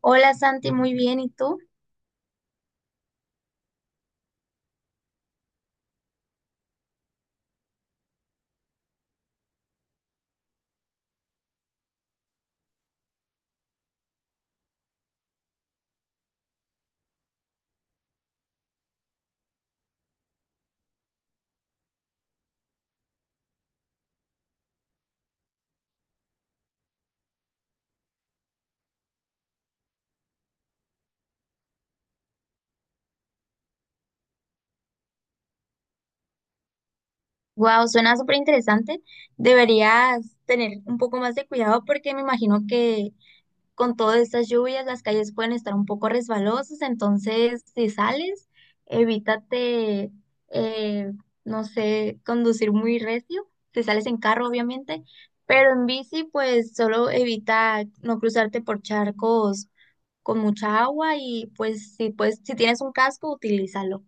Hola Santi, muy bien, ¿y tú? Wow, suena súper interesante. Deberías tener un poco más de cuidado porque me imagino que con todas estas lluvias las calles pueden estar un poco resbalosas, entonces si sales, evítate, eh, no sé, conducir muy recio, si sales en carro obviamente, pero en bici pues solo evita no cruzarte por charcos con mucha agua y pues, si tienes un casco, utilízalo.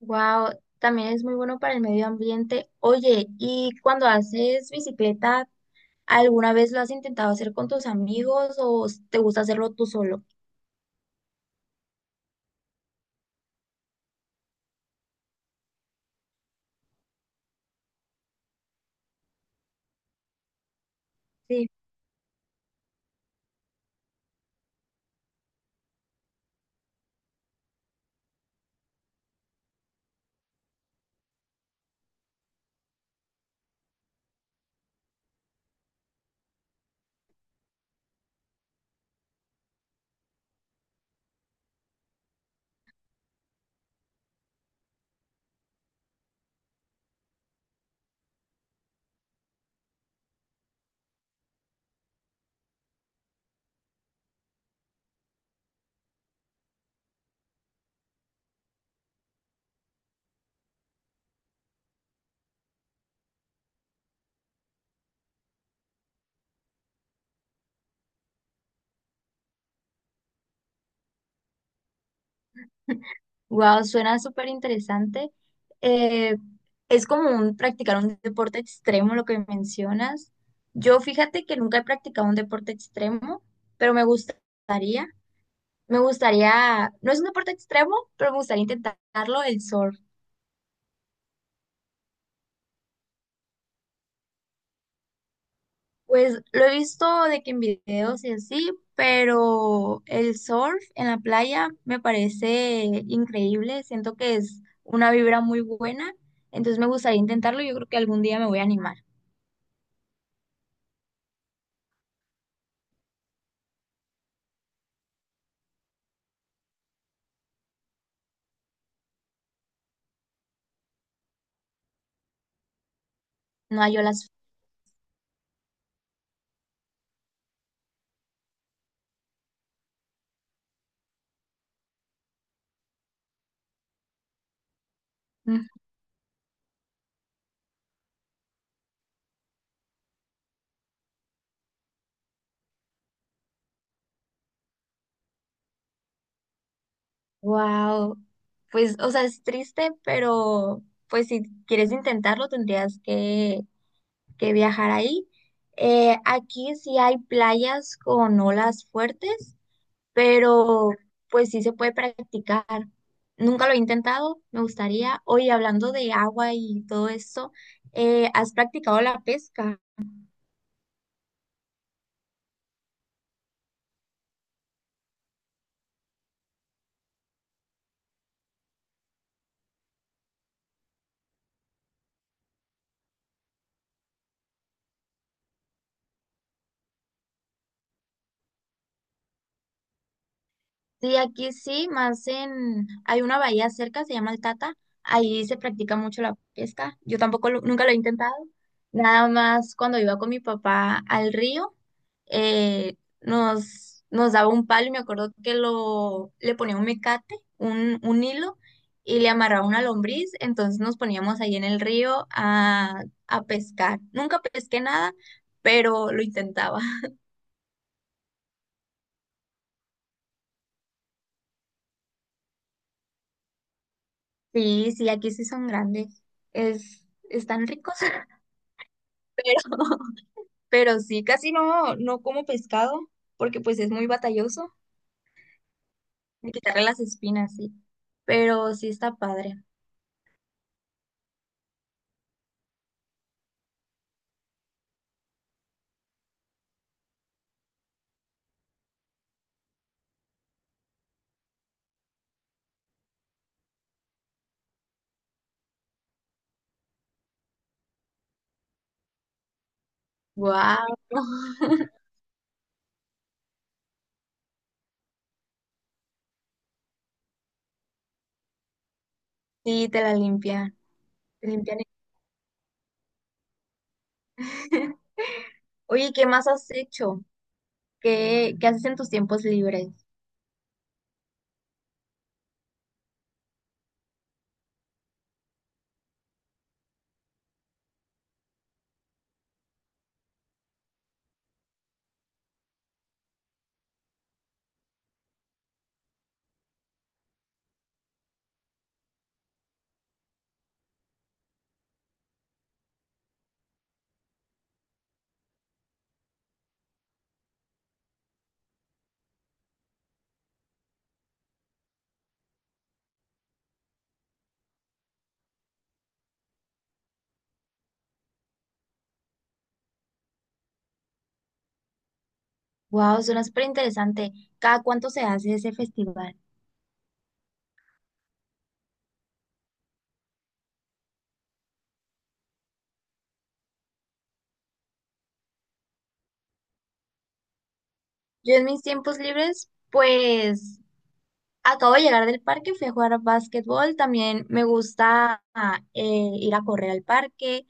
Wow, también es muy bueno para el medio ambiente. Oye, ¿y cuando haces bicicleta, alguna vez lo has intentado hacer con tus amigos o te gusta hacerlo tú solo? Sí. Wow, suena súper interesante. Eh, es como un, practicar un deporte extremo, lo que mencionas. Yo fíjate que nunca he practicado un deporte extremo, pero me gustaría, no es un deporte extremo, pero me gustaría intentarlo, el surf. Pues lo he visto de que en videos y así, pero el surf en la playa me parece increíble. Siento que es una vibra muy buena, entonces me gustaría intentarlo. Yo creo que algún día me voy a animar. No yo las. Wow. Pues, o sea, es triste, pero pues si quieres intentarlo tendrías que viajar ahí. Aquí sí hay playas con olas fuertes pero pues sí se puede practicar. Nunca lo he intentado, me gustaría. Oye, hablando de agua y todo esto, ¿has practicado la pesca? Sí, aquí sí, más en... Hay una bahía cerca, se llama El Tata, ahí se practica mucho la pesca. Yo tampoco nunca lo he intentado, nada más cuando iba con mi papá al río. Nos daba un palo y me acuerdo que le ponía un mecate, un hilo, y le amarraba una lombriz, entonces nos poníamos ahí en el río a pescar. Nunca pesqué nada, pero lo intentaba. Sí, sí, aquí sí son grandes. Es, están ricos, pero, pero sí, casi no, no como pescado, porque pues es muy batalloso de quitarle las espinas, sí. Pero sí está padre. Wow. Sí, te la limpia. Limpiar. Oye, ¿qué más has hecho? ¿Qué haces en tus tiempos libres? Wow, suena súper interesante. ¿Cada cuánto se hace ese festival? Yo en mis tiempos libres, pues acabo de llegar del parque, fui a jugar a básquetbol. También me gusta ir a correr al parque.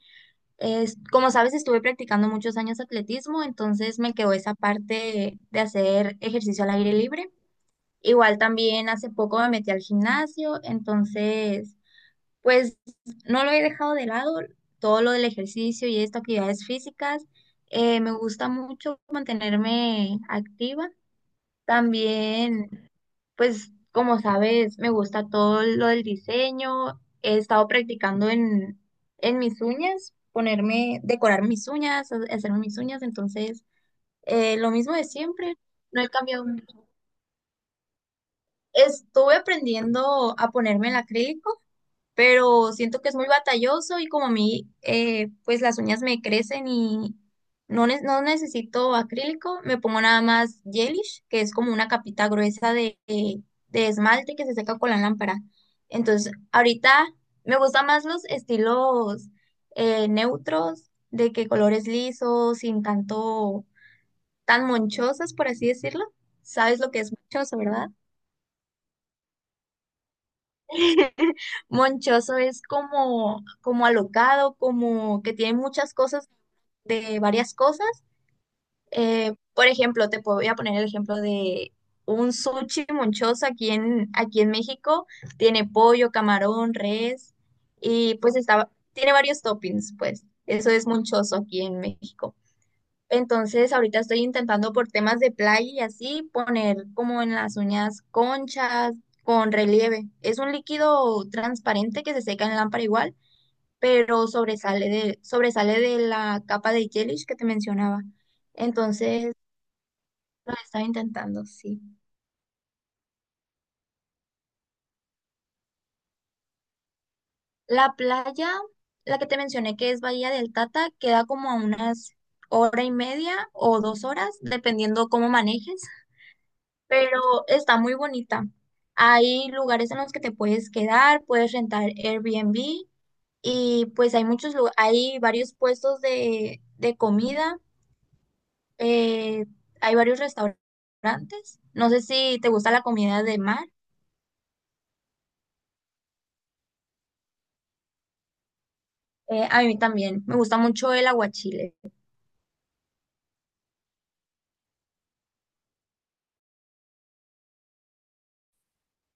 Como sabes, estuve practicando muchos años atletismo, entonces me quedó esa parte de hacer ejercicio al aire libre. Igual también hace poco me metí al gimnasio, entonces pues no lo he dejado de lado. Todo lo del ejercicio y estas actividades físicas, me gusta mucho mantenerme activa. También, pues como sabes, me gusta todo lo del diseño. He estado practicando en mis uñas, ponerme, decorar mis uñas, hacerme mis uñas. Entonces, lo mismo de siempre, no he cambiado mucho. Estuve aprendiendo a ponerme el acrílico pero siento que es muy batalloso y como a mí, pues las uñas me crecen y no necesito acrílico, me pongo nada más gelish, que es como una capita gruesa de esmalte que se seca con la lámpara. Entonces, ahorita me gustan más los estilos neutros, de que colores lisos, sin tanto, tan monchosos, por así decirlo. ¿Sabes lo que es monchoso, verdad? Monchoso es como, como alocado, como que tiene muchas cosas de varias cosas. Por ejemplo, voy a poner el ejemplo de un sushi monchoso aquí en México. Tiene pollo, camarón, res y pues está, tiene varios toppings, pues. Eso es monchoso aquí en México. Entonces, ahorita estoy intentando por temas de playa y así poner como en las uñas conchas con relieve. Es un líquido transparente que se seca en lámpara igual, pero sobresale de la capa de gelish que te mencionaba. Entonces, lo estaba intentando, sí. La playa, la que te mencioné que es Bahía del Tata, queda como a unas hora y media o dos horas, dependiendo cómo manejes. Pero está muy bonita. Hay lugares en los que te puedes quedar, puedes rentar Airbnb y pues hay hay varios puestos de comida, eh, hay varios restaurantes. No sé si te gusta la comida de mar. A mí también, me gusta mucho el aguachile.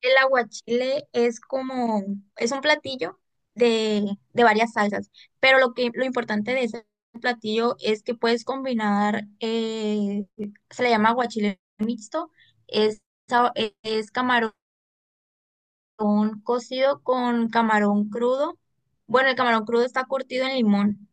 El aguachile es como, es un platillo de, de varias salsas, pero lo importante de ese platillo es que puedes combinar, se le llama aguachile mixto, es, sa- es camarón cocido con camarón crudo. Bueno, el camarón crudo está curtido en limón,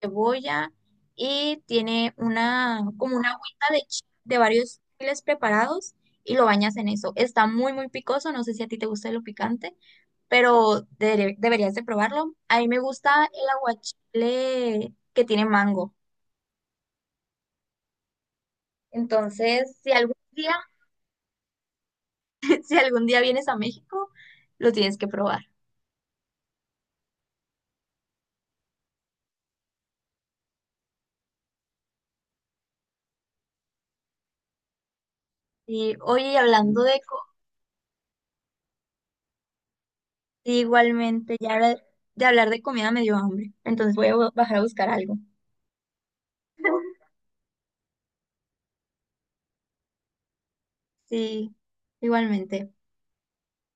cebolla y tiene una, como una agüita de varios chiles preparados y lo bañas en eso. Está muy, muy picoso, no sé si a ti te gusta lo picante, pero deberías de probarlo. A mí me gusta el aguachile que tiene mango. Entonces, si algún día, si algún día vienes a México, lo tienes que probar. Y oye, y igualmente, de hablar de comida me dio hambre, entonces voy a bajar a buscar algo. Sí, igualmente.